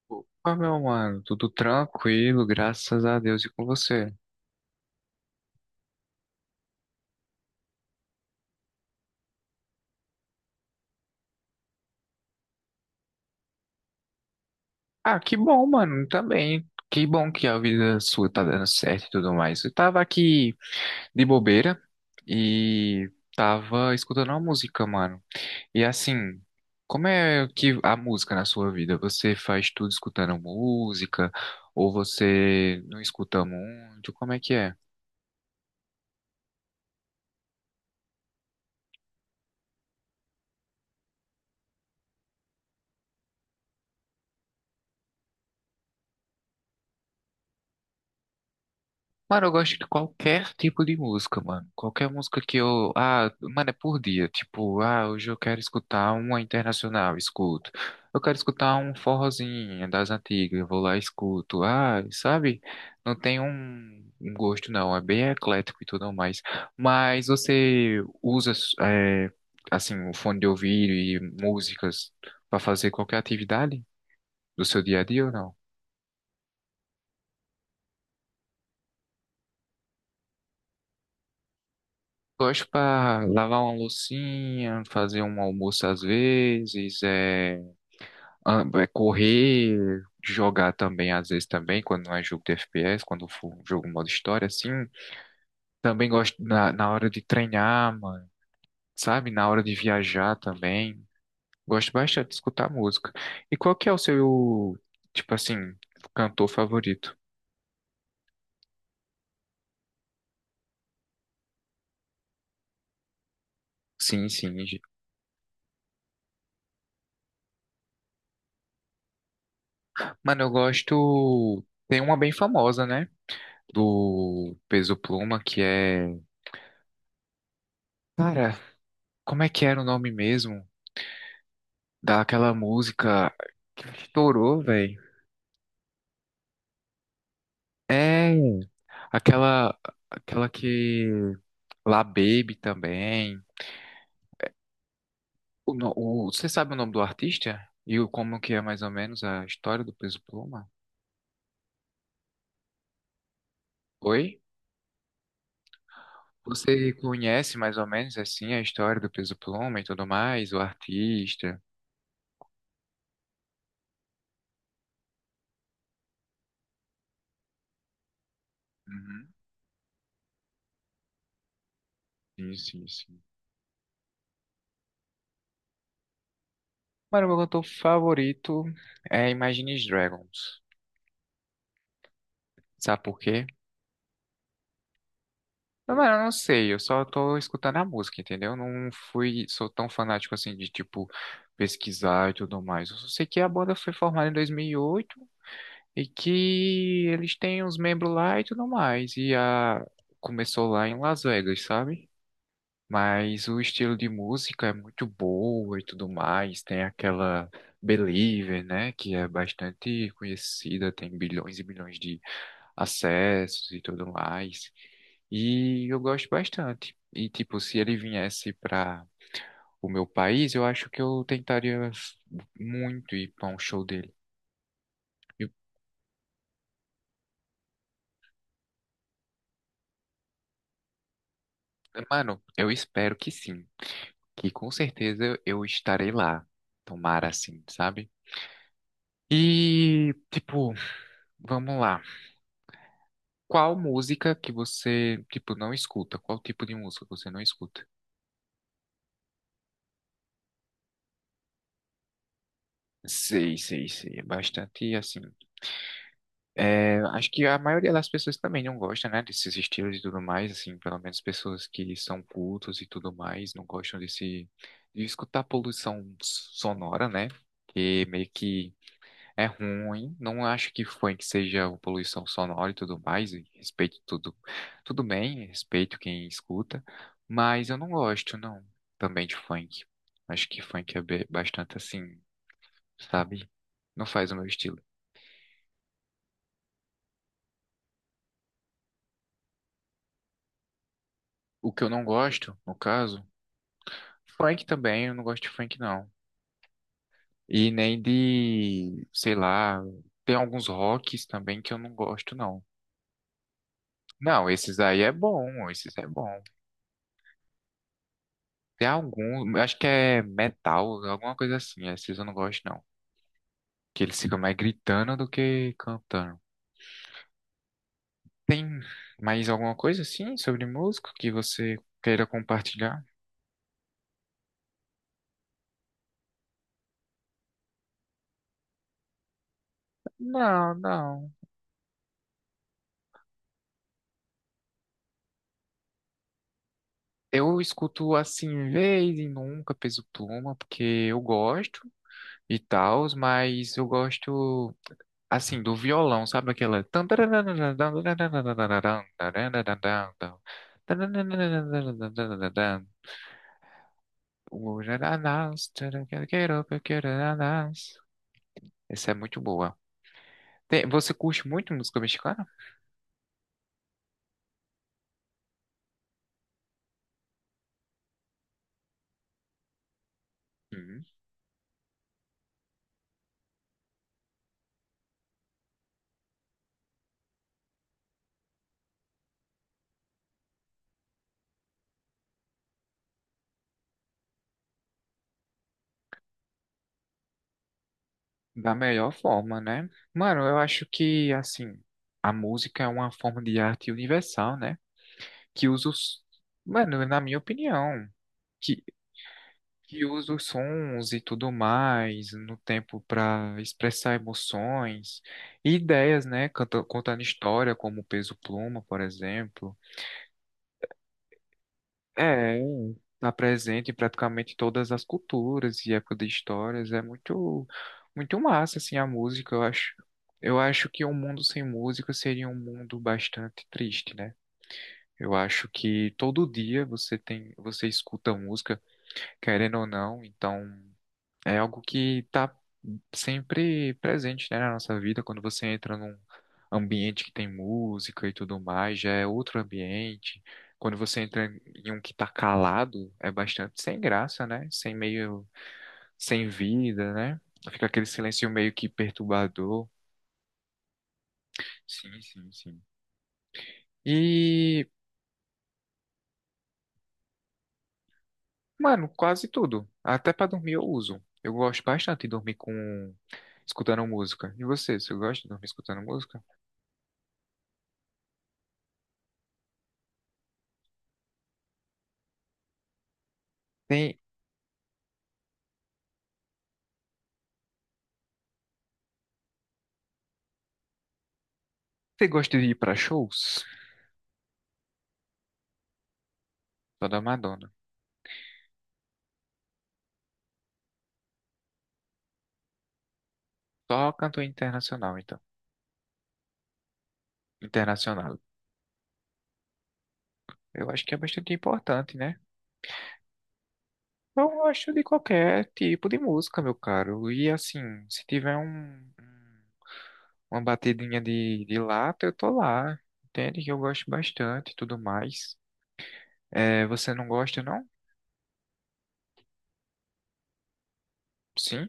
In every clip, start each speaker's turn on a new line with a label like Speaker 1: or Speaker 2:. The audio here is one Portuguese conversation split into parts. Speaker 1: Ah, meu mano, tudo tranquilo, graças a Deus e com você. Ah, que bom, mano, também. Que bom que a vida sua tá dando certo e tudo mais. Eu tava aqui de bobeira e tava escutando uma música, mano. E assim, como é que a música na sua vida? Você faz tudo escutando música ou você não escuta muito? Como é que é? Mano, eu gosto de qualquer tipo de música, mano. Qualquer música que eu. Ah, mano, é por dia. Tipo, ah, hoje eu quero escutar uma internacional, escuto. Eu quero escutar um forrozinho das antigas, eu vou lá e escuto. Ah, sabe? Não tem um gosto, não. É bem eclético e tudo mais. Mas você usa, é, assim, o fone de ouvido e músicas pra fazer qualquer atividade do seu dia a dia ou não? Gosto para lavar uma loucinha, fazer um almoço às vezes, é correr, jogar também às vezes também, quando não é jogo de FPS, quando for um jogo modo história, assim. Também gosto na hora de treinar, mano, sabe? Na hora de viajar também. Gosto bastante de escutar música. E qual que é o seu, tipo assim, cantor favorito? Sim, sim. Mano, eu gosto. Tem uma bem famosa, né? Do Peso Pluma, que é. Cara, como é que era o nome mesmo daquela música que estourou, velho? É, aquela, aquela que... La Baby também. O, no- o- Você sabe o nome do artista? E o, como que é mais ou menos a história do Peso Pluma? Oi? Você conhece mais ou menos assim a história do Peso Pluma e tudo mais, o artista? Uhum. Sim, sim, sim. Mano, meu cantor favorito é Imagine Dragons. Sabe por quê? Não, mano, eu não sei, eu só tô escutando a música, entendeu? Eu não fui, sou tão fanático assim de, tipo, pesquisar e tudo mais. Eu só sei que a banda foi formada em 2008 e que eles têm uns membros lá e tudo mais. E a... começou lá em Las Vegas, sabe? Mas o estilo de música é muito boa e tudo mais. Tem aquela Believer, né? Que é bastante conhecida, tem bilhões e bilhões de acessos e tudo mais. E eu gosto bastante. E, tipo, se ele viesse para o meu país, eu acho que eu tentaria muito ir para um show dele. E, mano, eu espero que sim. Que com certeza eu estarei lá. Tomara assim, sabe? E, tipo, vamos lá. Qual música que você, tipo, não escuta? Qual tipo de música você não escuta? Sei, sei, sei. É bastante assim. É, acho que a maioria das pessoas também não gosta, né, desses estilos e tudo mais, assim, pelo menos pessoas que são cultos e tudo mais, não gostam desse, de escutar poluição sonora, né, que meio que é ruim, não acho que foi que seja uma poluição sonora e tudo mais, e respeito tudo, tudo bem, respeito quem escuta, mas eu não gosto, não, também de funk, acho que funk é bastante assim, sabe, não faz o meu estilo. O que eu não gosto, no caso, funk também, eu não gosto de funk não. E nem de, sei lá, tem alguns rocks também que eu não gosto não. Não, esses aí é bom, esses é bom. Tem algum, acho que é metal, alguma coisa assim, esses eu não gosto não. Que eles ficam mais gritando do que cantando. Tem mais alguma coisa assim sobre música que você queira compartilhar? Não, não. Eu escuto assim, vez e nunca, Peso Pluma, porque eu gosto. E tals, mas eu gosto, assim, do violão, sabe aquela... Essa é muito boa. Você curte muito música mexicana? Sim. Da melhor forma, né? Mano, eu acho que, assim, a música é uma forma de arte universal, né? Que usa os... Mano, na minha opinião. que, que usa os sons e tudo mais no tempo para expressar emoções e ideias, né? Canta, contando história, como o Peso Pluma, por exemplo. É, está presente em praticamente todas as culturas e época de histórias. É muito, muito massa, assim, a música, eu acho. Eu acho que um mundo sem música seria um mundo bastante triste, né? Eu acho que todo dia você tem, você escuta música, querendo ou não, então é algo que está sempre presente, né, na nossa vida. Quando você entra num ambiente que tem música e tudo mais, já é outro ambiente. Quando você entra em um que está calado, é bastante sem graça, né? Sem meio, sem vida, né? Fica aquele silêncio meio que perturbador. Sim, sim, sim. E, mano, quase tudo. Até para dormir eu uso. Eu gosto bastante de dormir com escutando música. E você, você gosta de dormir escutando música? Tem, você gosta de ir pra shows? Sou da Madonna. Só cantor internacional, então. Internacional. Eu acho que é bastante importante, né? Eu gosto de qualquer tipo de música, meu caro. E assim, se tiver uma batidinha de lata, eu tô lá. Entende que eu gosto bastante e tudo mais. É, você não gosta, não? Sim.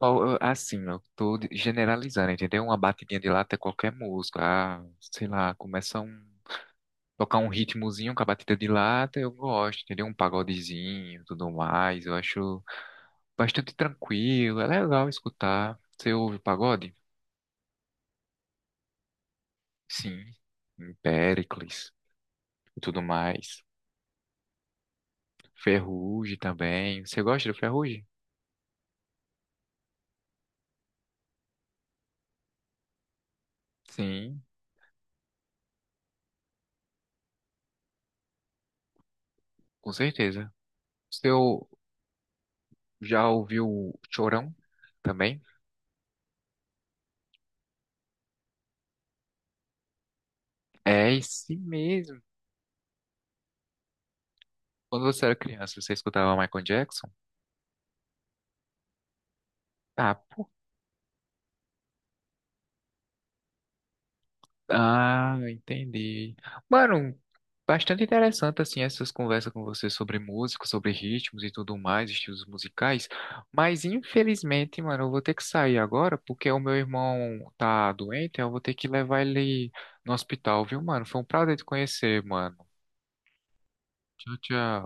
Speaker 1: Ó, eu- assim, eu tô de- generalizando, entendeu? Uma batidinha de lata é qualquer música. Ah, sei lá, começa um. Tocar um ritmozinho com a batida de lata, eu gosto, entendeu? Um pagodezinho, tudo mais. Eu acho bastante tranquilo, é legal escutar. Você ouve pagode? Sim. Péricles e tudo mais. Ferrugem também. Você gosta do Ferrugem? Sim, com certeza. Você ou- Já ouviu o Chorão também? É esse mesmo. Quando você era criança, você escutava Michael Jackson? Ah, ah, entendi. Mano, bastante interessante assim essas conversas com você sobre música, sobre ritmos e tudo mais, estilos musicais. Mas infelizmente, mano, eu vou ter que sair agora porque o meu irmão tá doente, eu vou ter que levar ele no hospital, viu, mano? Foi um prazer te conhecer, mano. Tchau, tchau.